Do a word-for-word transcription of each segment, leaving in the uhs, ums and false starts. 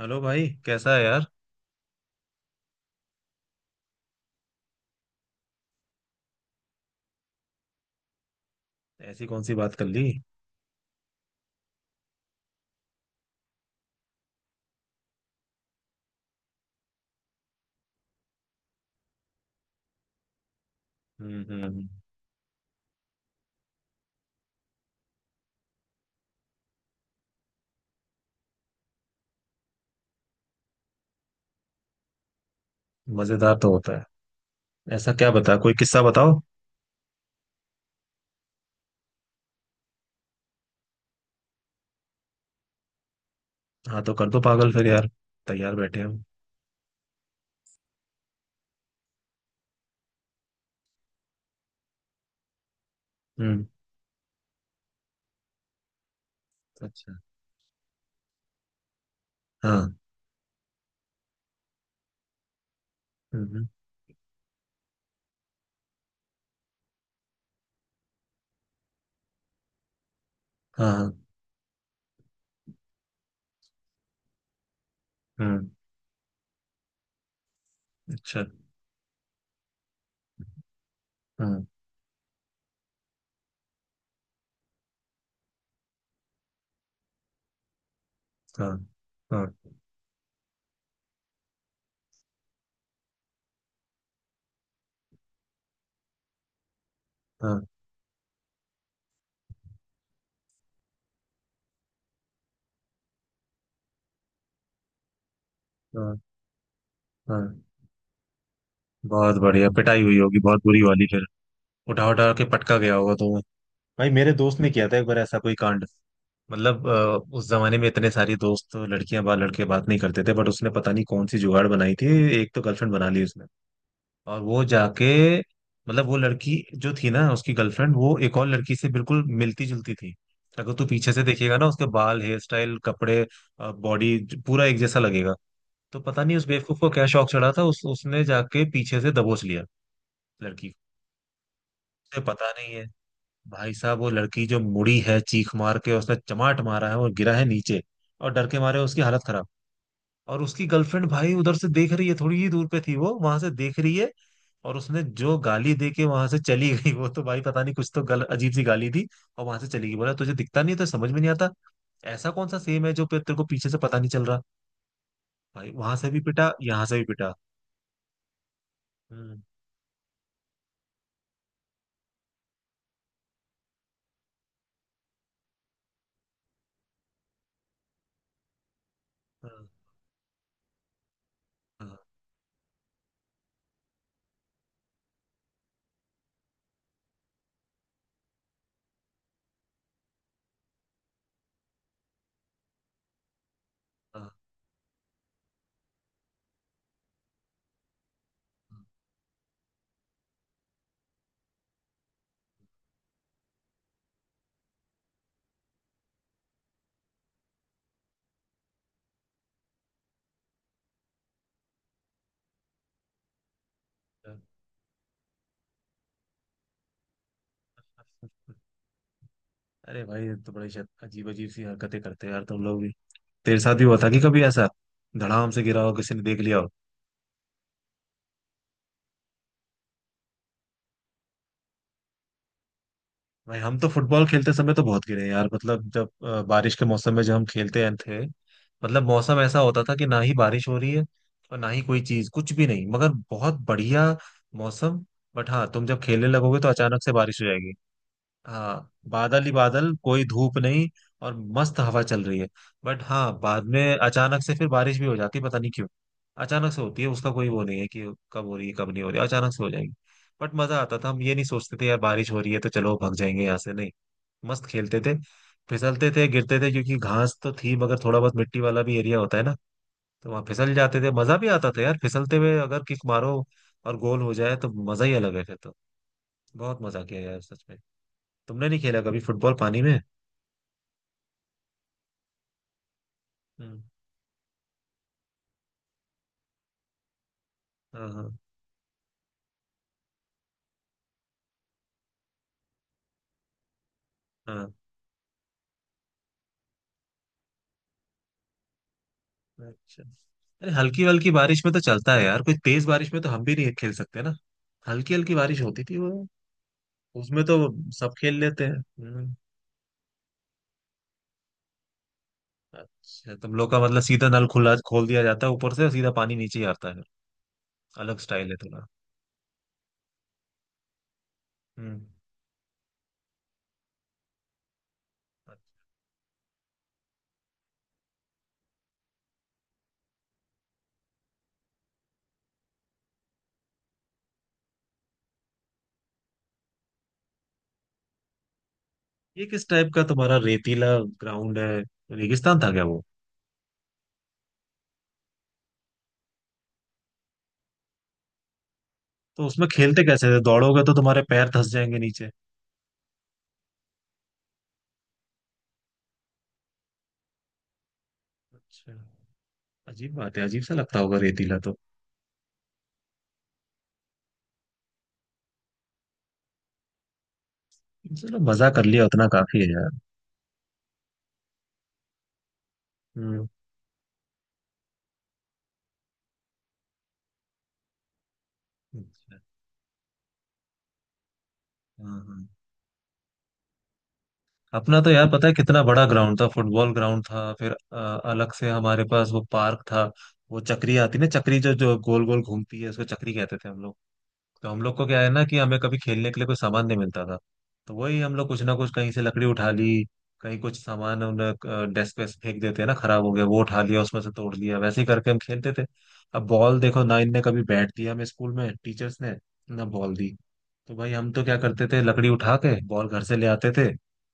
Hello भाई कैसा है यार। ऐसी कौन सी बात कर ली? हम्म हम्म हम्म। मजेदार तो होता है। ऐसा क्या, बता कोई किस्सा बताओ। हाँ तो कर दो पागल फिर यार। तैयार बैठे हम। हम्म। अच्छा। हाँ। हम्म हम्म, हाँ हाँ, हम्म। अच्छा। हम्म। हाँ हाँ हाँ हाँ हाँ। बहुत बढ़िया पिटाई हुई होगी, बहुत बुरी वाली फिर। उठा उठा के पटका गया होगा तो। भाई मेरे दोस्त ने किया था एक बार ऐसा कोई कांड। मतलब अ, उस जमाने में इतने सारे दोस्त लड़कियां बात लड़के बात नहीं करते थे, बट उसने पता नहीं कौन सी जुगाड़ बनाई थी। एक तो गर्लफ्रेंड बना ली उसने, और वो जाके मतलब वो लड़की जो थी ना उसकी गर्लफ्रेंड, वो एक और लड़की से बिल्कुल मिलती जुलती थी। अगर तू पीछे से देखेगा ना, उसके बाल, हेयर स्टाइल, कपड़े, बॉडी, पूरा एक जैसा लगेगा। तो पता नहीं उस बेवकूफ को क्या शौक चढ़ा था, उस उसने जाके पीछे से दबोच लिया लड़की को। उसे पता नहीं है। भाई साहब वो लड़की जो मुड़ी है चीख मार के, उसने चमाट मारा है और गिरा है नीचे। और डर के मारे उसकी हालत खराब। और उसकी गर्लफ्रेंड भाई उधर से देख रही है, थोड़ी ही दूर पे थी वो, वहां से देख रही है। और उसने जो गाली दे के वहां से चली गई वो, तो भाई पता नहीं कुछ तो गल अजीब सी गाली दी। और वहां से चली गई, बोला तुझे दिखता नहीं है, तो समझ में नहीं आता। ऐसा कौन सा सेम है जो पे- तेरे को पीछे से पता नहीं चल रहा? भाई वहां से भी पिटा, यहाँ से भी पिटा। हम्म। हाँ, हाँ, हाँ, हाँ, हाँ। अरे भाई ये तो बड़ी शायद अजीब अजीब सी हरकतें करते हैं यार तुम लोग भी। तेरे साथ भी हुआ था कि कभी ऐसा धड़ाम से गिरा हो, किसी ने देख लिया हो? भाई हम तो फुटबॉल खेलते समय तो बहुत गिरे हैं यार। मतलब जब अ, बारिश के मौसम में जब हम खेलते हैं थे, मतलब मौसम ऐसा होता था कि ना ही बारिश हो रही है और ना ही कोई चीज, कुछ भी नहीं, मगर बहुत बढ़िया मौसम। बट हाँ, तुम जब खेलने लगोगे तो अचानक से बारिश हो जाएगी। हाँ, बादल ही बादल, कोई धूप नहीं। और मस्त हवा चल रही है। बट हाँ, बाद में अचानक से फिर बारिश भी हो जाती है, पता नहीं क्यों। अचानक से होती है, उसका कोई वो नहीं है कि कब हो रही है कब नहीं हो रही है, अचानक से हो जाएगी। बट मजा आता था। हम ये नहीं सोचते थे यार, बारिश हो रही है तो चलो भाग जाएंगे यहाँ से, नहीं, मस्त खेलते थे। फिसलते थे गिरते थे, क्योंकि घास तो थी मगर थोड़ा बहुत मिट्टी वाला भी एरिया होता है ना, तो वहाँ फिसल जाते थे। मजा भी आता था यार, फिसलते हुए अगर किक मारो और गोल हो जाए तो मजा ही अलग है फिर तो। बहुत मजा किया यार सच में। तुमने नहीं खेला कभी फुटबॉल पानी में? हम्म, हाँ हाँ। हाँ। अच्छा। अरे हल्की हल्की बारिश में तो चलता है यार कोई, तेज बारिश में तो हम भी नहीं खेल सकते ना। हल्की हल्की बारिश होती थी वो। उसमें तो सब खेल लेते हैं। हम्म। अच्छा, तुम लोग का मतलब सीधा नल खुला खोल दिया जाता है ऊपर से, और सीधा पानी नीचे ही आता है? अलग स्टाइल है थोड़ा। हम्म। ये किस टाइप का तुम्हारा रेतीला ग्राउंड है? रेगिस्तान था क्या वो? तो उसमें खेलते कैसे थे? दौड़ोगे तो तुम्हारे पैर धंस जाएंगे नीचे। अच्छा। अजीब बात है, अजीब सा लगता होगा रेतीला तो। चलो, मजा कर लिया उतना काफी है यार। हम्म। अच्छा, हाँ हाँ। अपना तो यार पता है कितना बड़ा ग्राउंड था, फुटबॉल ग्राउंड था फिर अ, अलग से हमारे पास वो पार्क था। वो चक्री आती ना, चक्री जो जो गोल गोल घूमती है, उसको चक्री कहते थे हम लोग। तो हम लोग को क्या है ना, कि हमें कभी खेलने के लिए कोई सामान नहीं मिलता था। तो वही हम लोग कुछ ना कुछ, कहीं से लकड़ी उठा ली, कहीं कुछ सामान उन्हें डेस्क पे फेंक देते हैं ना खराब हो गया वो, उठा लिया उसमें से तोड़ लिया, वैसे ही करके हम खेलते थे। अब बॉल देखो ना, इनने कभी बैट दिया हमें स्कूल में टीचर्स ने? ना बॉल दी। तो भाई हम तो क्या करते थे, लकड़ी उठा के बॉल घर से ले आते थे।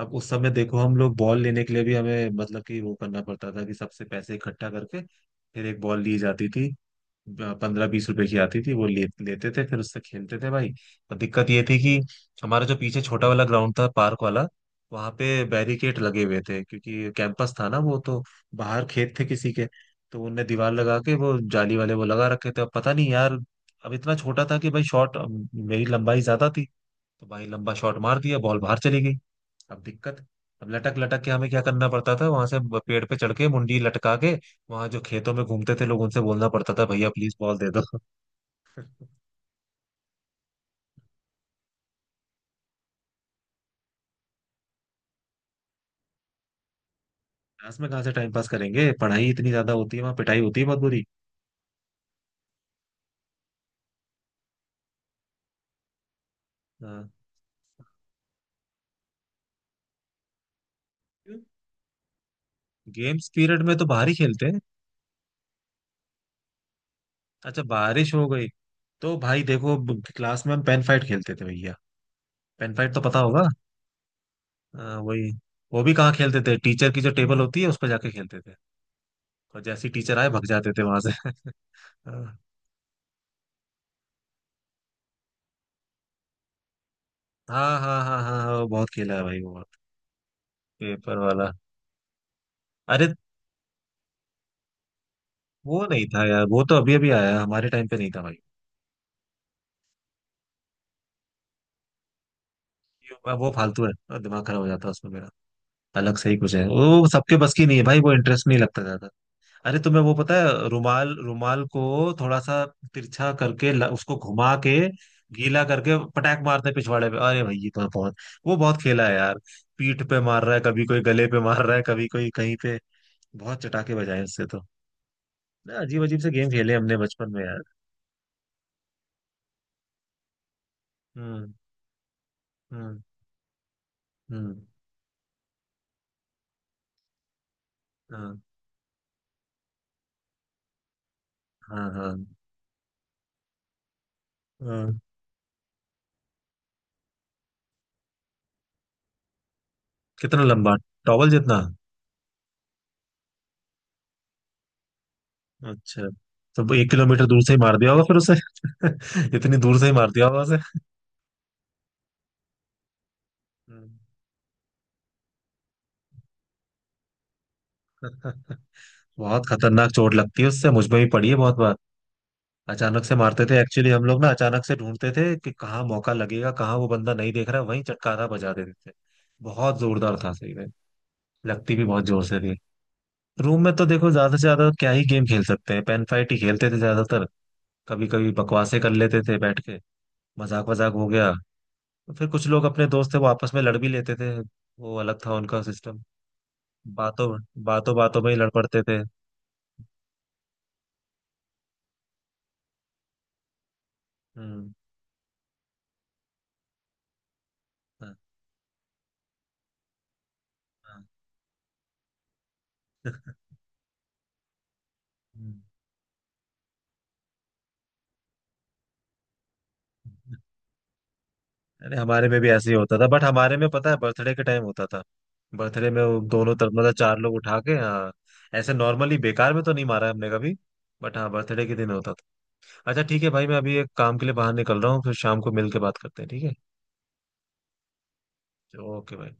अब उस समय देखो, हम लोग बॉल लेने के लिए भी हमें मतलब कि वो करना पड़ता था कि सबसे पैसे इकट्ठा करके फिर एक बॉल ली जाती थी। पंद्रह बीस रुपए की आती थी, वो ले, लेते थे, फिर उससे खेलते थे भाई। और दिक्कत ये थी कि हमारा जो पीछे छोटा वाला ग्राउंड था, पार्क वाला, वहां पे बैरिकेड लगे हुए थे क्योंकि कैंपस था ना वो तो, बाहर खेत थे किसी के। तो उनने दीवार लगा के वो जाली वाले वो लगा रखे थे, अब पता नहीं यार। अब इतना छोटा था कि भाई शॉट, मेरी लंबाई ज्यादा थी, तो भाई लंबा शॉट मार दिया, बॉल बाहर चली गई। अब दिक्कत, अब लटक लटक के हमें क्या करना पड़ता था वहां से, ब- पेड़ पे चढ़ के मुंडी लटका के वहां जो खेतों में घूमते थे लोग उनसे बोलना पड़ता था, भैया प्लीज बॉल दे दो। क्लास में कहाँ से टाइम पास करेंगे, पढ़ाई इतनी ज्यादा होती है, वहां पिटाई होती है बहुत बुरी। हाँ। गेम्स पीरियड में तो बाहर ही खेलते हैं। अच्छा बारिश हो गई, तो भाई देखो ब- क्लास में हम पेन फाइट खेलते थे भैया। पेन फाइट तो पता होगा। हाँ, वही। वो भी कहाँ खेलते थे, टीचर की जो टेबल होती है उस पर जाके खेलते थे, और जैसे ही टीचर आए भग जाते थे वहां से। हाँ हाँ हाँ हाँ हाँ, वो बहुत खेला है भाई वो, पेपर वाला। अरे वो नहीं था यार, वो तो अभी अभी आया है, हमारे टाइम पे नहीं था भाई। ये- वो फालतू है और दिमाग खराब हो जाता है उसमें मेरा। अलग से ही कुछ है वो, सबके बस की नहीं है भाई वो, इंटरेस्ट नहीं लगता ज्यादा। अरे तुम्हें वो पता है रुमाल, रुमाल को थोड़ा सा तिरछा करके ल- उसको घुमा के गीला करके पटाक मारते हैं पिछवाड़े पे। अरे भाई ये तो बहुत, वो बहुत खेला है यार। पीठ पे मार रहा है कभी कोई, गले पे मार रहा है कभी कोई कहीं पे, बहुत चटाके बजाए उससे तो। अजीब अजीब से गेम खेले हमने बचपन में यार। हम्म। हम्म। हम्म। हाँ हाँ हाँ हाँ। कितना लंबा, टॉवल जितना? अच्छा, तो वो एक किलोमीटर दूर से ही मार दिया होगा फिर उसे इतनी दूर से ही मार दिया होगा उसे हम्म। बहुत खतरनाक चोट लगती है उससे, मुझ में भी पड़ी है बहुत बार। अचानक से मारते थे एक्चुअली हम लोग ना, अचानक से ढूंढते थे कि कहाँ मौका लगेगा, कहाँ वो बंदा नहीं देख रहा वहीं चटकारा बजा देते थे। बहुत जोरदार था सही में। लगती भी बहुत जोर से थी। रूम में तो देखो ज्यादा से ज्यादा क्या ही गेम खेल सकते हैं, पेन फाइट ही खेलते थे ज्यादातर। कभी कभी बकवासें कर लेते थे बैठ के, मजाक वजाक हो गया। फिर कुछ लोग अपने दोस्त थे वो आपस में लड़ भी लेते थे, वो अलग था उनका सिस्टम। बातों बातों बातों में ही लड़ पड़ते थे। हम्म। हाँ, हाँ। हम्म। अरे हमारे में भी ऐसे ही होता था, बट हमारे में पता है बर्थडे के टाइम होता था। बर्थडे में वो दोनों तरफ मतलब चार लोग उठा के, हाँ। ऐसे नॉर्मली बेकार में तो नहीं मारा है हमने कभी, बट हाँ बर्थडे के दिन होता था। अच्छा ठीक है भाई, मैं अभी एक काम के लिए बाहर निकल रहा हूँ, फिर शाम को मिल के बात करते हैं, ठीक है, ओके भाई।